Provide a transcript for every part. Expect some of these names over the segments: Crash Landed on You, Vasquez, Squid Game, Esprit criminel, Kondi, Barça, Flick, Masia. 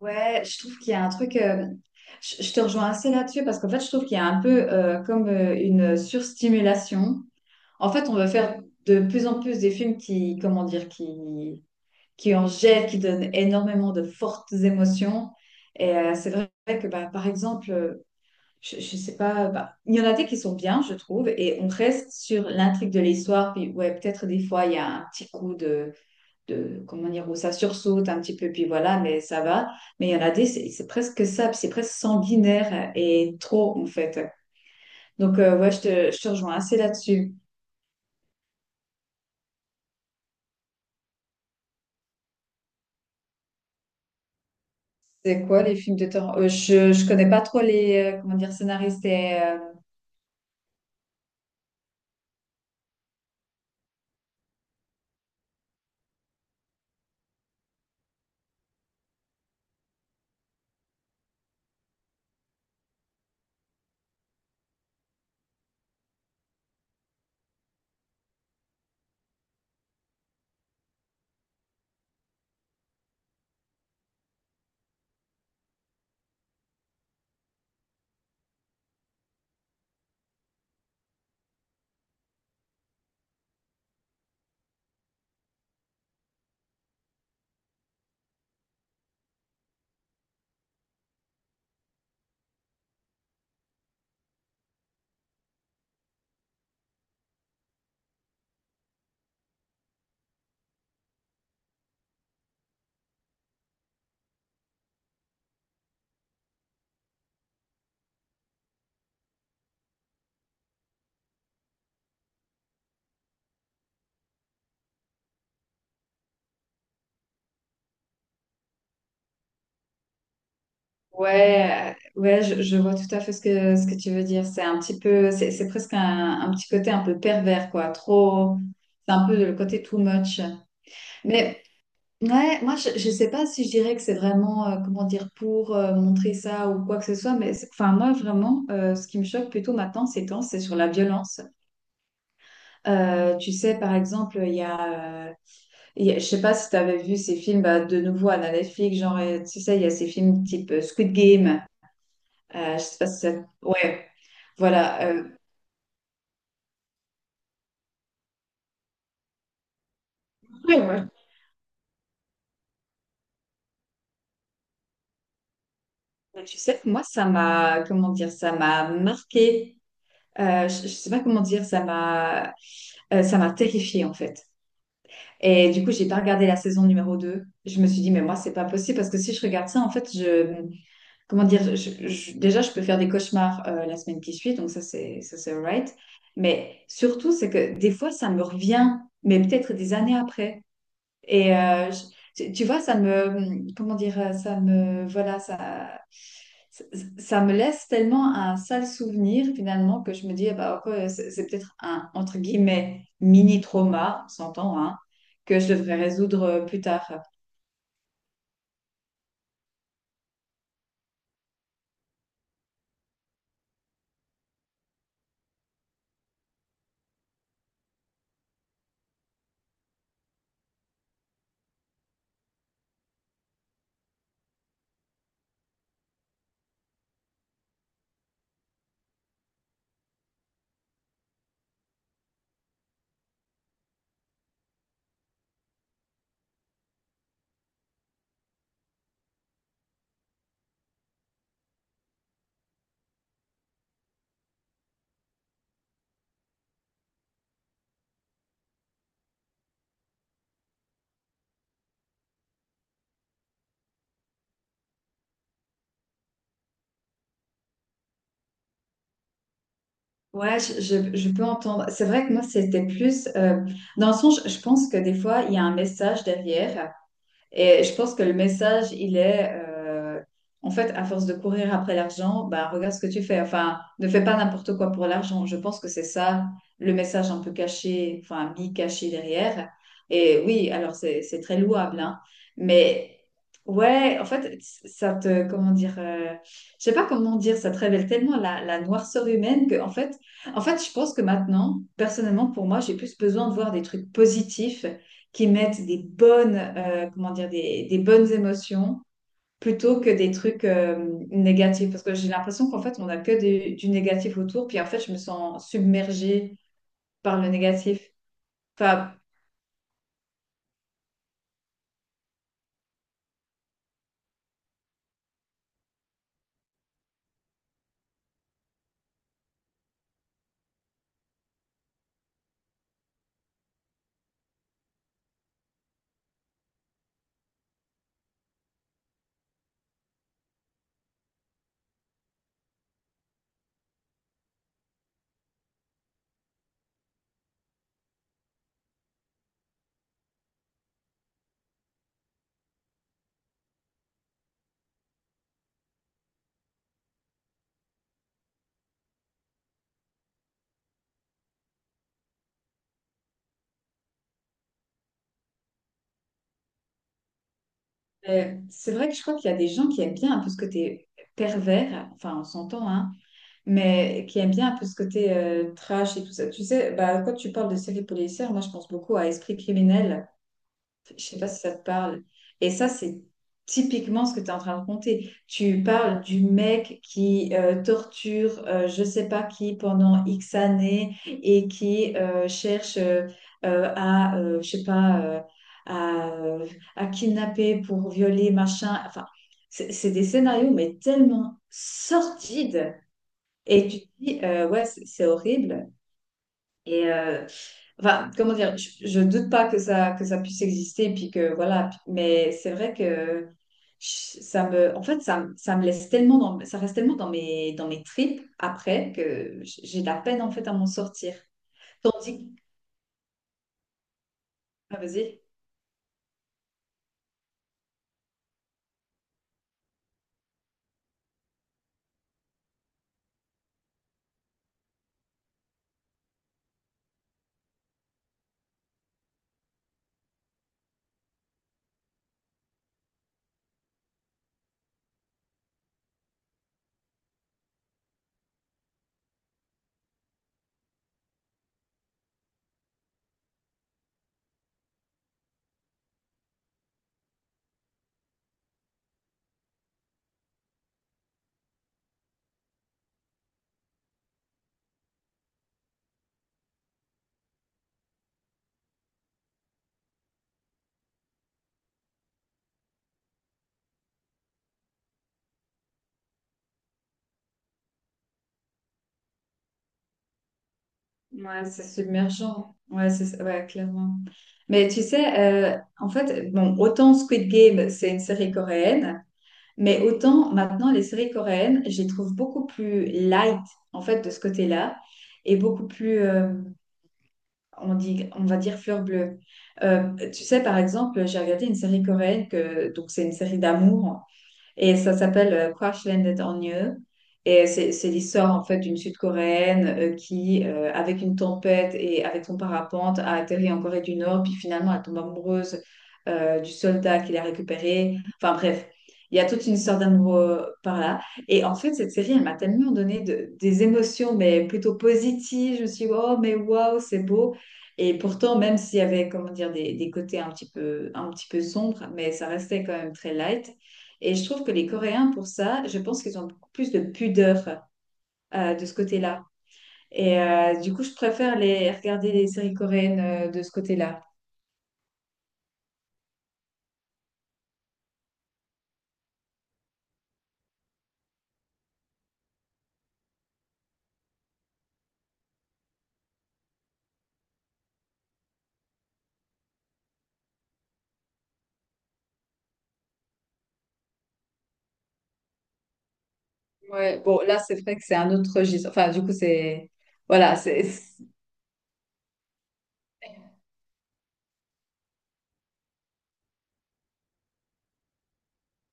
Ouais, je trouve qu'il y a un truc. Je te rejoins assez là-dessus parce qu'en fait, je trouve qu'il y a un peu comme une surstimulation. En fait, on veut faire de plus en plus des films qui, comment dire, qui en jettent, qui donnent énormément de fortes émotions. C'est vrai que, bah, par exemple, je sais pas, bah, il y en a des qui sont bien, je trouve, et on reste sur l'intrigue de l'histoire. Puis, ouais, peut-être des fois, il y a un petit coup de comment dire où ça sursaute un petit peu, puis voilà, mais ça va. Mais il y en a des, c'est presque ça, c'est presque sanguinaire et trop en fait. Donc ouais, je te rejoins assez là-dessus. C'est quoi les films de terreur? Je connais pas trop les comment dire scénaristes et ouais. Je vois tout à fait ce que tu veux dire, c'est un petit peu, c'est presque un, petit côté un peu pervers, quoi, trop. C'est un peu le côté too much, mais... Ouais, moi je sais pas si je dirais que c'est vraiment comment dire pour montrer ça ou quoi que ce soit, mais enfin moi vraiment ce qui me choque plutôt maintenant ces temps c'est sur la violence. Tu sais par exemple je sais pas si tu avais vu ces films, bah, de nouveau à la Netflix, genre tu sais il y a ces films type Squid Game, je sais pas si ça... Ouais, voilà, mais tu sais, que moi, ça m'a, comment dire, ça m'a marqué. Je sais pas comment dire, ça m'a terrifiée en fait. Et du coup, j'ai pas regardé la saison numéro deux. Je me suis dit, mais moi, c'est pas possible parce que si je regarde ça, en fait, je, comment dire, déjà, je peux faire des cauchemars la semaine qui suit, donc ça, c'est alright. Mais surtout, c'est que des fois, ça me revient, mais peut-être des années après. Et tu vois, ça me, comment dire, ça me, voilà, ça, ça me laisse tellement un sale souvenir finalement que je me dis, ah bah, ok, c'est peut-être un, entre guillemets, mini-trauma, on s'entend, hein, que je devrais résoudre plus tard. Ouais, je peux entendre. C'est vrai que moi, c'était plus, dans le sens, je pense que des fois, il y a un message derrière. Et je pense que le message, il est, en fait, à force de courir après l'argent, bah, regarde ce que tu fais. Enfin, ne fais pas n'importe quoi pour l'argent. Je pense que c'est ça le message un peu caché, enfin, mi-caché derrière. Et oui, alors c'est très louable, hein. Mais ouais, en fait, ça te, comment dire, je sais pas comment dire, ça te révèle tellement la, noirceur humaine que, en fait, je pense que maintenant, personnellement, pour moi, j'ai plus besoin de voir des trucs positifs qui mettent des bonnes, comment dire, bonnes émotions plutôt que des trucs négatifs. Parce que j'ai l'impression qu'en fait, on n'a que des, du négatif autour. Puis en fait, je me sens submergée par le négatif. Enfin, c'est vrai que je crois qu'il y a des gens qui aiment bien un peu ce côté pervers, enfin on s'entend, hein, mais qui aiment bien un peu ce côté trash et tout ça. Tu sais, bah, quand tu parles de séries policières, moi je pense beaucoup à Esprit criminel. Je ne sais pas si ça te parle. Et ça, c'est typiquement ce que tu es en train de raconter. Tu parles du mec qui torture je ne sais pas qui pendant X années et qui cherche je sais pas, à, euh, à kidnapper pour violer, machin. Enfin, c'est des scénarios, mais tellement sordides. Et tu te dis, ouais, c'est horrible. Et enfin, comment dire, je doute pas que ça, que ça puisse exister, puis que voilà, mais c'est vrai que ça me, en fait, ça me laisse tellement dans, ça reste tellement dans mes tripes après que j'ai de la peine en fait à m'en sortir. Tandis que... ah, vas-y, ouais, c'est submergent, ouais, ouais, clairement. Mais tu sais, en fait, bon, autant Squid Game, c'est une série coréenne. Mais autant maintenant, les séries coréennes, je les trouve beaucoup plus light, en fait, de ce côté-là, et beaucoup plus, on dit, on va dire, fleur bleue. Tu sais, par exemple, j'ai regardé une série coréenne, que, donc c'est une série d'amour, et ça s'appelle Crash Landed on You. Et c'est l'histoire en fait d'une Sud-Coréenne qui, avec une tempête et avec son parapente, a atterri en Corée du Nord, puis finalement elle tombe amoureuse du soldat qui l'a récupéré. Enfin bref, il y a toute une histoire d'amour par là. Et en fait, cette série, elle m'a tellement donné des émotions, mais plutôt positives. Je me suis dit, oh, mais waouh, c'est beau. Et pourtant, même s'il y avait, comment dire, des côtés un petit peu sombres, mais ça restait quand même très light. Et je trouve que les Coréens, pour ça, je pense qu'ils ont beaucoup plus de pudeur de ce côté-là. Et du coup, je préfère regarder les séries coréennes de ce côté-là. Ouais, bon, là, c'est vrai que c'est un autre registre. Enfin, du coup, c'est... Voilà, c'est...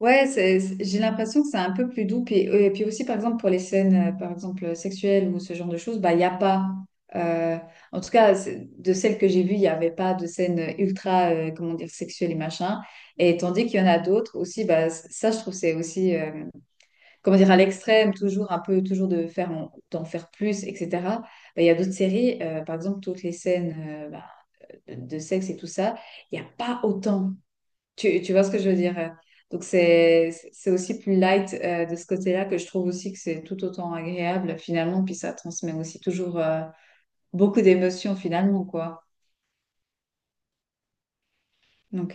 Ouais, j'ai l'impression que c'est un peu plus doux. Puis, et puis aussi, par exemple, pour les scènes, par exemple, sexuelles ou ce genre de choses, bah, il n'y a pas. euh, En tout cas, de celles que j'ai vues, il n'y avait pas de scènes ultra, comment dire, sexuelles et machin. Et tandis qu'il y en a d'autres aussi, bah, ça, je trouve, c'est aussi, comment dire, à l'extrême, toujours un peu, toujours de faire, d'en faire plus, etc. Bah, il y a d'autres séries, par exemple, toutes les scènes, bah, de sexe et tout ça, il n'y a pas autant. Tu vois ce que je veux dire? Donc, c'est aussi plus light de ce côté-là que je trouve aussi que c'est tout autant agréable finalement. Puis ça transmet aussi toujours beaucoup d'émotions finalement, quoi. Donc,